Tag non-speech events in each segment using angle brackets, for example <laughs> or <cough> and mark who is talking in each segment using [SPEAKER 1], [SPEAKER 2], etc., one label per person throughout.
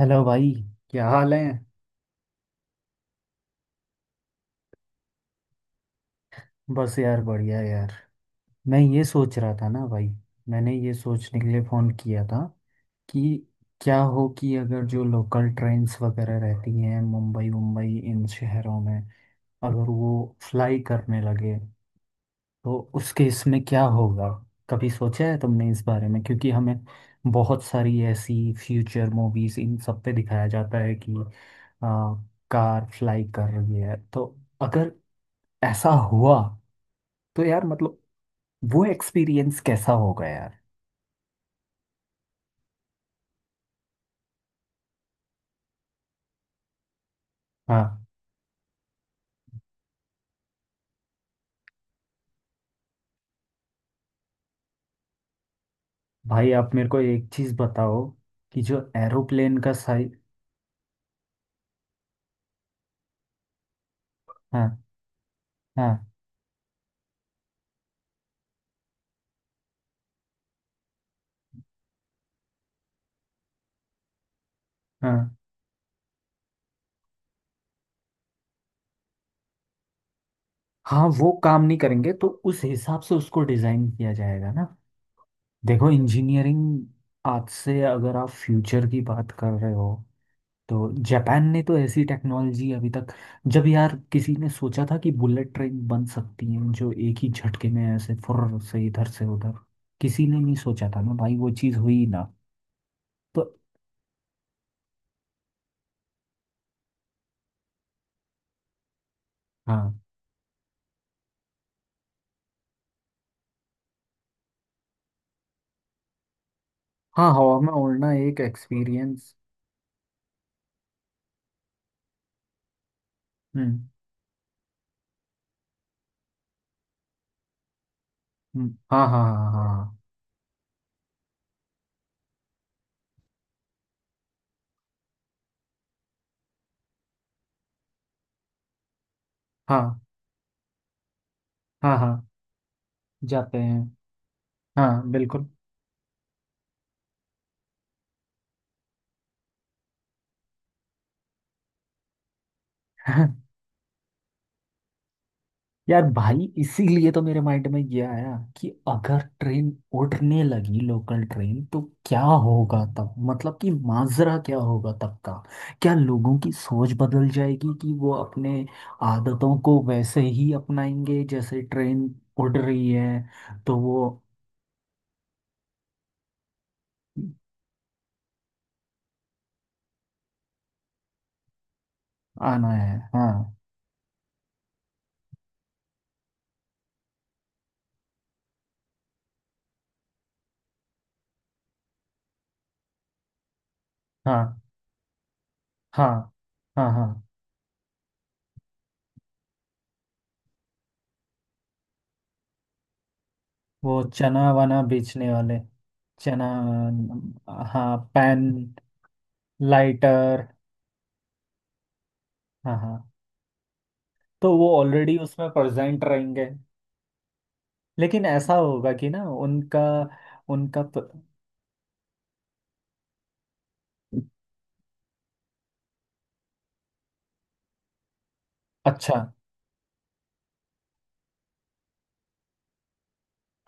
[SPEAKER 1] Hello भाई। क्या हाल है। बस यार बढ़िया यार। मैं ये सोच रहा था ना भाई। मैंने ये सोचने के लिए फ़ोन किया था कि क्या हो कि अगर जो लोकल ट्रेन्स वगैरह रहती हैं मुंबई मुंबई इन शहरों में, अगर वो फ्लाई करने लगे तो उसके इसमें क्या होगा। कभी सोचा है तुमने इस बारे में? क्योंकि हमें बहुत सारी ऐसी फ्यूचर मूवीज़ इन सब पे दिखाया जाता है कि आ, कार फ्लाई कर रही है। तो अगर ऐसा हुआ तो यार मतलब वो एक्सपीरियंस कैसा होगा यार। हाँ। भाई आप मेरे को एक चीज बताओ कि जो एरोप्लेन का साइज। हाँ हाँ। हाँ हाँ। वो काम नहीं करेंगे तो उस हिसाब से उसको डिजाइन किया जाएगा ना। देखो इंजीनियरिंग आज से अगर आप फ्यूचर की बात कर रहे हो तो जापान ने तो ऐसी टेक्नोलॉजी अभी तक। जब यार किसी ने सोचा था कि बुलेट ट्रेन बन सकती है जो एक ही झटके में ऐसे फुर्र से इधर से उधर, किसी ने नहीं सोचा था ना भाई। वो चीज़ हुई ना। तो हाँ। हाँ हवा में उड़ना एक एक्सपीरियंस। हम्म। हाँ हाँ। हाँ हाँ। हाँ हाँ। हाँ जाते हैं। हाँ बिल्कुल। <laughs> यार भाई इसीलिए तो मेरे माइंड में ये आया कि अगर ट्रेन उड़ने लगी, लोकल ट्रेन, तो क्या होगा तब। मतलब कि माजरा क्या होगा तब का। क्या लोगों की सोच बदल जाएगी कि वो अपने आदतों को वैसे ही अपनाएंगे जैसे ट्रेन उड़ रही है तो वो। आना है हाँ। हाँ हाँ। हाँ हाँ। वो चना वना बेचने वाले। चना। हाँ पैन, लाइटर। हाँ हाँ। तो वो ऑलरेडी उसमें प्रेजेंट रहेंगे। लेकिन ऐसा होगा कि ना उनका। उनका प... अच्छा।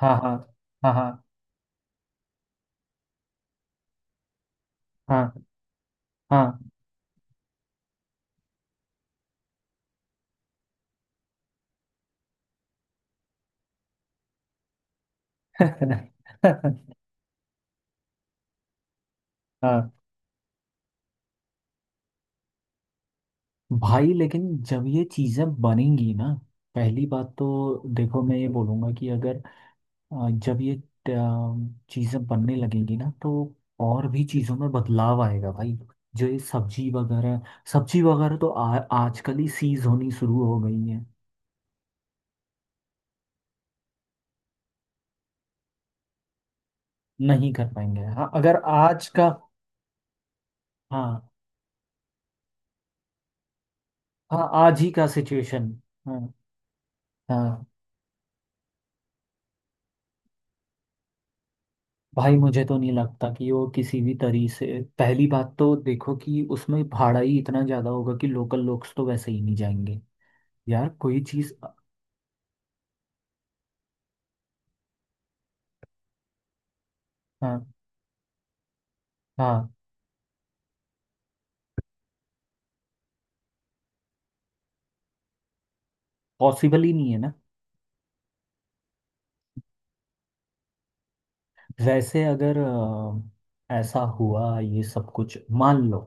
[SPEAKER 1] हाँ हाँ। हाँ हाँ। हाँ हाँ। <laughs> हाँ। भाई लेकिन जब ये चीज़ें बनेंगी ना, पहली बात तो देखो, मैं ये बोलूँगा कि अगर जब ये चीज़ें बनने लगेंगी ना तो और भी चीज़ों में बदलाव आएगा भाई। जो ये सब्जी वगैरह, सब्जी वगैरह तो आजकल ही सीज होनी शुरू हो गई है। नहीं कर पाएंगे हाँ। अगर आज का। हाँ हाँ, आज ही का सिचुएशन। हाँ हाँ। भाई मुझे तो नहीं लगता कि वो किसी भी तरीके से। पहली बात तो देखो कि उसमें भाड़ा ही इतना ज़्यादा होगा कि लोकल लोग तो वैसे ही नहीं जाएंगे। यार कोई चीज़। हाँ हाँ। पॉसिबल ही नहीं है ना। वैसे अगर ऐसा हुआ ये सब कुछ मान लो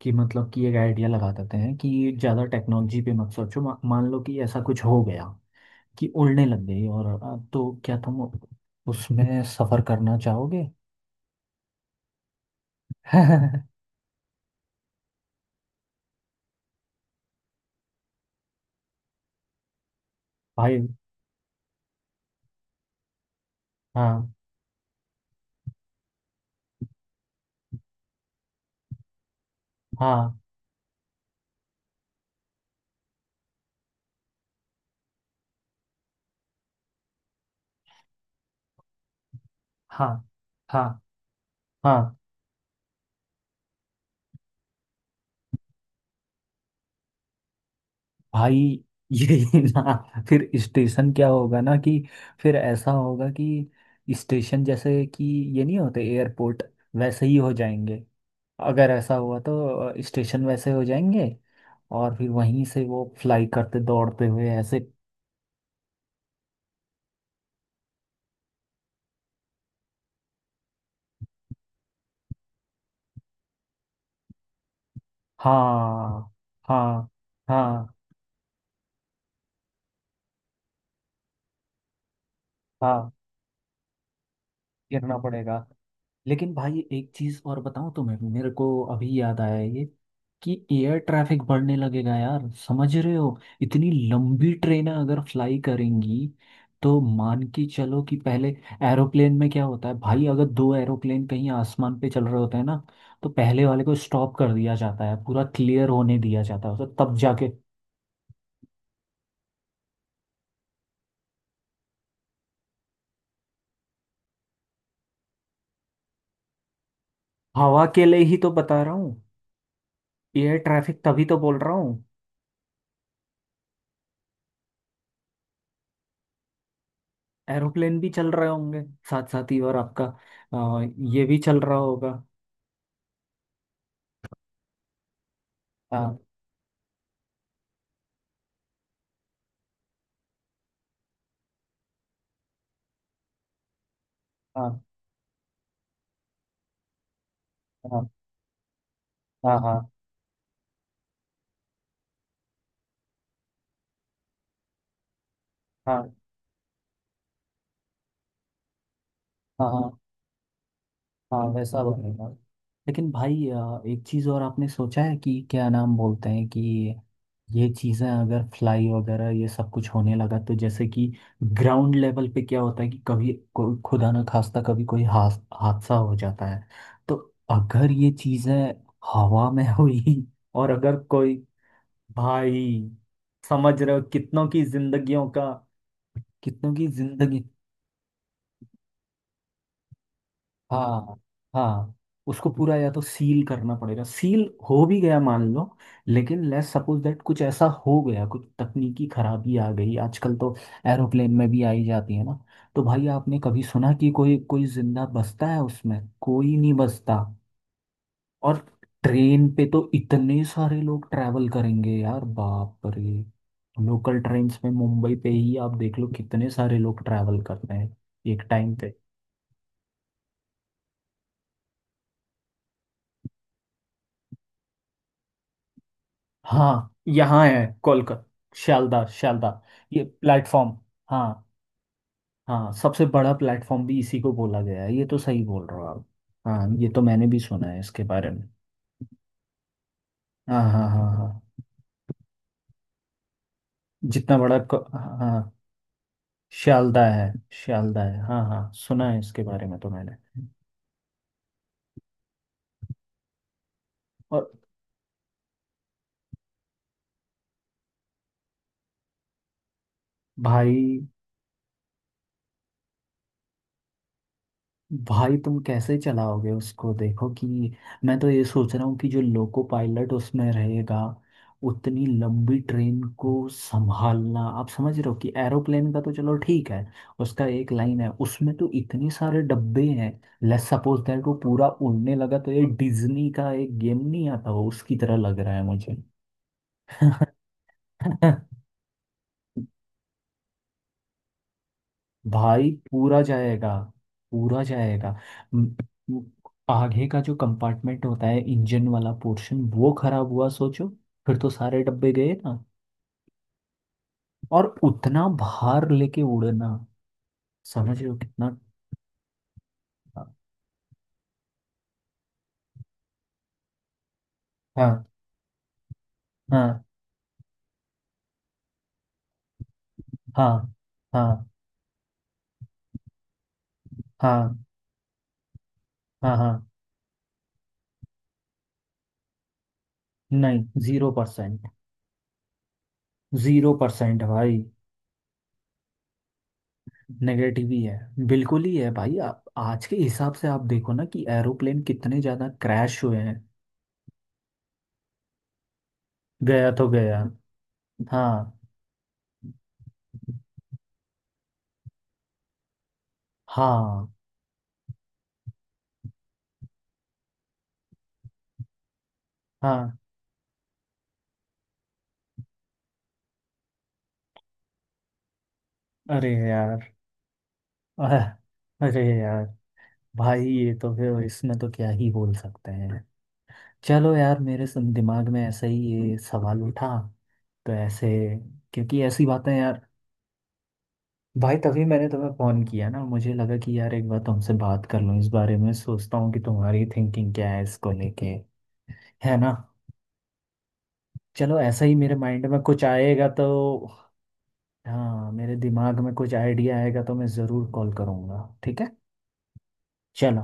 [SPEAKER 1] कि मतलब कि एक आइडिया लगा देते हैं कि ज़्यादा टेक्नोलॉजी पे मत सोचो, मान लो कि ऐसा कुछ हो गया कि उड़ने लग गई और तो क्या तुम उसमें सफ़र करना चाहोगे? <laughs> भाई हाँ। हाँ हाँ। हाँ हाँ भाई ये <laughs> ना फिर स्टेशन क्या होगा ना, कि फिर ऐसा होगा कि स्टेशन जैसे कि ये नहीं होते एयरपोर्ट, वैसे ही हो जाएंगे। अगर ऐसा हुआ तो स्टेशन वैसे हो जाएंगे और फिर वहीं से वो फ्लाई करते दौड़ते हुए ऐसे। हाँ हाँ। हाँ हाँ गिरना पड़ेगा। लेकिन भाई एक चीज और बताऊं तुम्हें, मेरे को अभी याद आया ये कि एयर ट्रैफिक बढ़ने लगेगा यार, समझ रहे हो? इतनी लंबी ट्रेनें अगर फ्लाई करेंगी तो मान के चलो कि पहले एरोप्लेन में क्या होता है भाई, अगर दो एरोप्लेन कहीं आसमान पे चल रहे होते हैं ना, तो पहले वाले को स्टॉप कर दिया जाता है, पूरा क्लियर होने दिया जाता है उसे, तब जाके। हवा के लिए ही तो बता रहा हूँ। एयर ट्रैफिक तभी तो बोल रहा हूँ। एरोप्लेन भी चल रहे होंगे साथ साथ ही और आपका अ, ये भी चल रहा होगा। हाँ हाँ। हाँ हाँ। हाँ हाँ। हाँ। हाँ हाँ वैसा बनेगा। लेकिन भाई एक चीज़ और आपने सोचा है कि क्या नाम बोलते हैं, कि ये चीज़ें अगर फ्लाई वगैरह ये सब कुछ होने लगा तो जैसे कि ग्राउंड लेवल पे क्या होता है कि कभी खुदा ना खास्ता कभी कोई हादसा हो जाता है, तो अगर ये चीज़ें हवा में <laughs> हुई और अगर कोई। भाई समझ रहे हो कितनों की जिंदगियों का। कितनों की जिंदगी। हाँ हाँ। उसको पूरा या तो सील करना पड़ेगा, सील हो भी गया मान लो, लेकिन लेट्स सपोज दैट कुछ ऐसा हो गया, कुछ तकनीकी खराबी आ गई, आजकल तो एरोप्लेन में भी आई जाती है ना, तो भाई आपने कभी सुना कि कोई कोई जिंदा बचता है उसमें? कोई नहीं बचता। और ट्रेन पे तो इतने सारे लोग ट्रैवल करेंगे यार, बाप रे। लोकल ट्रेन्स में मुंबई पे ही आप देख लो कितने सारे लोग ट्रैवल करते हैं एक टाइम पे। हाँ यहाँ है कोलकाता। शालदा शालदा। ये प्लेटफॉर्म। हाँ हाँ, सबसे बड़ा प्लेटफॉर्म भी इसी को बोला गया है, ये तो सही बोल रहे हो आप। हाँ ये तो मैंने भी सुना है इसके बारे में। हाँ हाँ। हाँ हाँ जितना बड़ा हाँ शालदा है। शालदा है हाँ हाँ, सुना है इसके बारे में तो मैंने। और। भाई भाई तुम कैसे चलाओगे उसको देखो कि मैं तो ये सोच रहा हूँ कि जो लोको पायलट उसमें रहेगा, उतनी लंबी ट्रेन को संभालना आप समझ रहे हो? कि एरोप्लेन का तो चलो ठीक है, उसका एक लाइन है, उसमें तो इतने सारे डब्बे हैं। लेट्स सपोज दैट वो पूरा उड़ने लगा तो ये डिज्नी का एक गेम नहीं आता हो, उसकी तरह लग रहा है मुझे। <laughs> भाई पूरा जाएगा। पूरा जाएगा। म- म- आगे का जो कंपार्टमेंट होता है इंजन वाला पोर्शन, वो खराब हुआ सोचो, फिर तो सारे डब्बे गए ना। और उतना भार लेके उड़ना, समझ रहे हो कितना। हाँ हाँ। हाँ हाँ। हाँ हाँ। हाँ नहीं जीरो परसेंट। जीरो परसेंट भाई। नेगेटिव ही है, बिल्कुल ही है भाई। आप आज के हिसाब से आप देखो ना कि एरोप्लेन कितने ज्यादा क्रैश हुए हैं। गया तो गया। हाँ हाँ। हाँ अरे यार। अह, अरे यार। भाई ये तो फिर इसमें तो क्या ही बोल सकते हैं। चलो यार मेरे दिमाग में ऐसा ही ये सवाल उठा तो ऐसे, क्योंकि ऐसी बातें यार। भाई तभी मैंने तुम्हें फोन किया ना, मुझे लगा कि यार एक बार तुमसे बात कर लूँ इस बारे में, सोचता हूँ कि तुम्हारी थिंकिंग क्या है इसको लेके। है ना। चलो ऐसा ही मेरे माइंड में कुछ आएगा तो। हाँ मेरे दिमाग में कुछ आइडिया आएगा तो मैं ज़रूर कॉल करूँगा, ठीक है। चलो।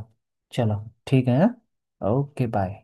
[SPEAKER 1] चलो ठीक है हाँ? Okay bye.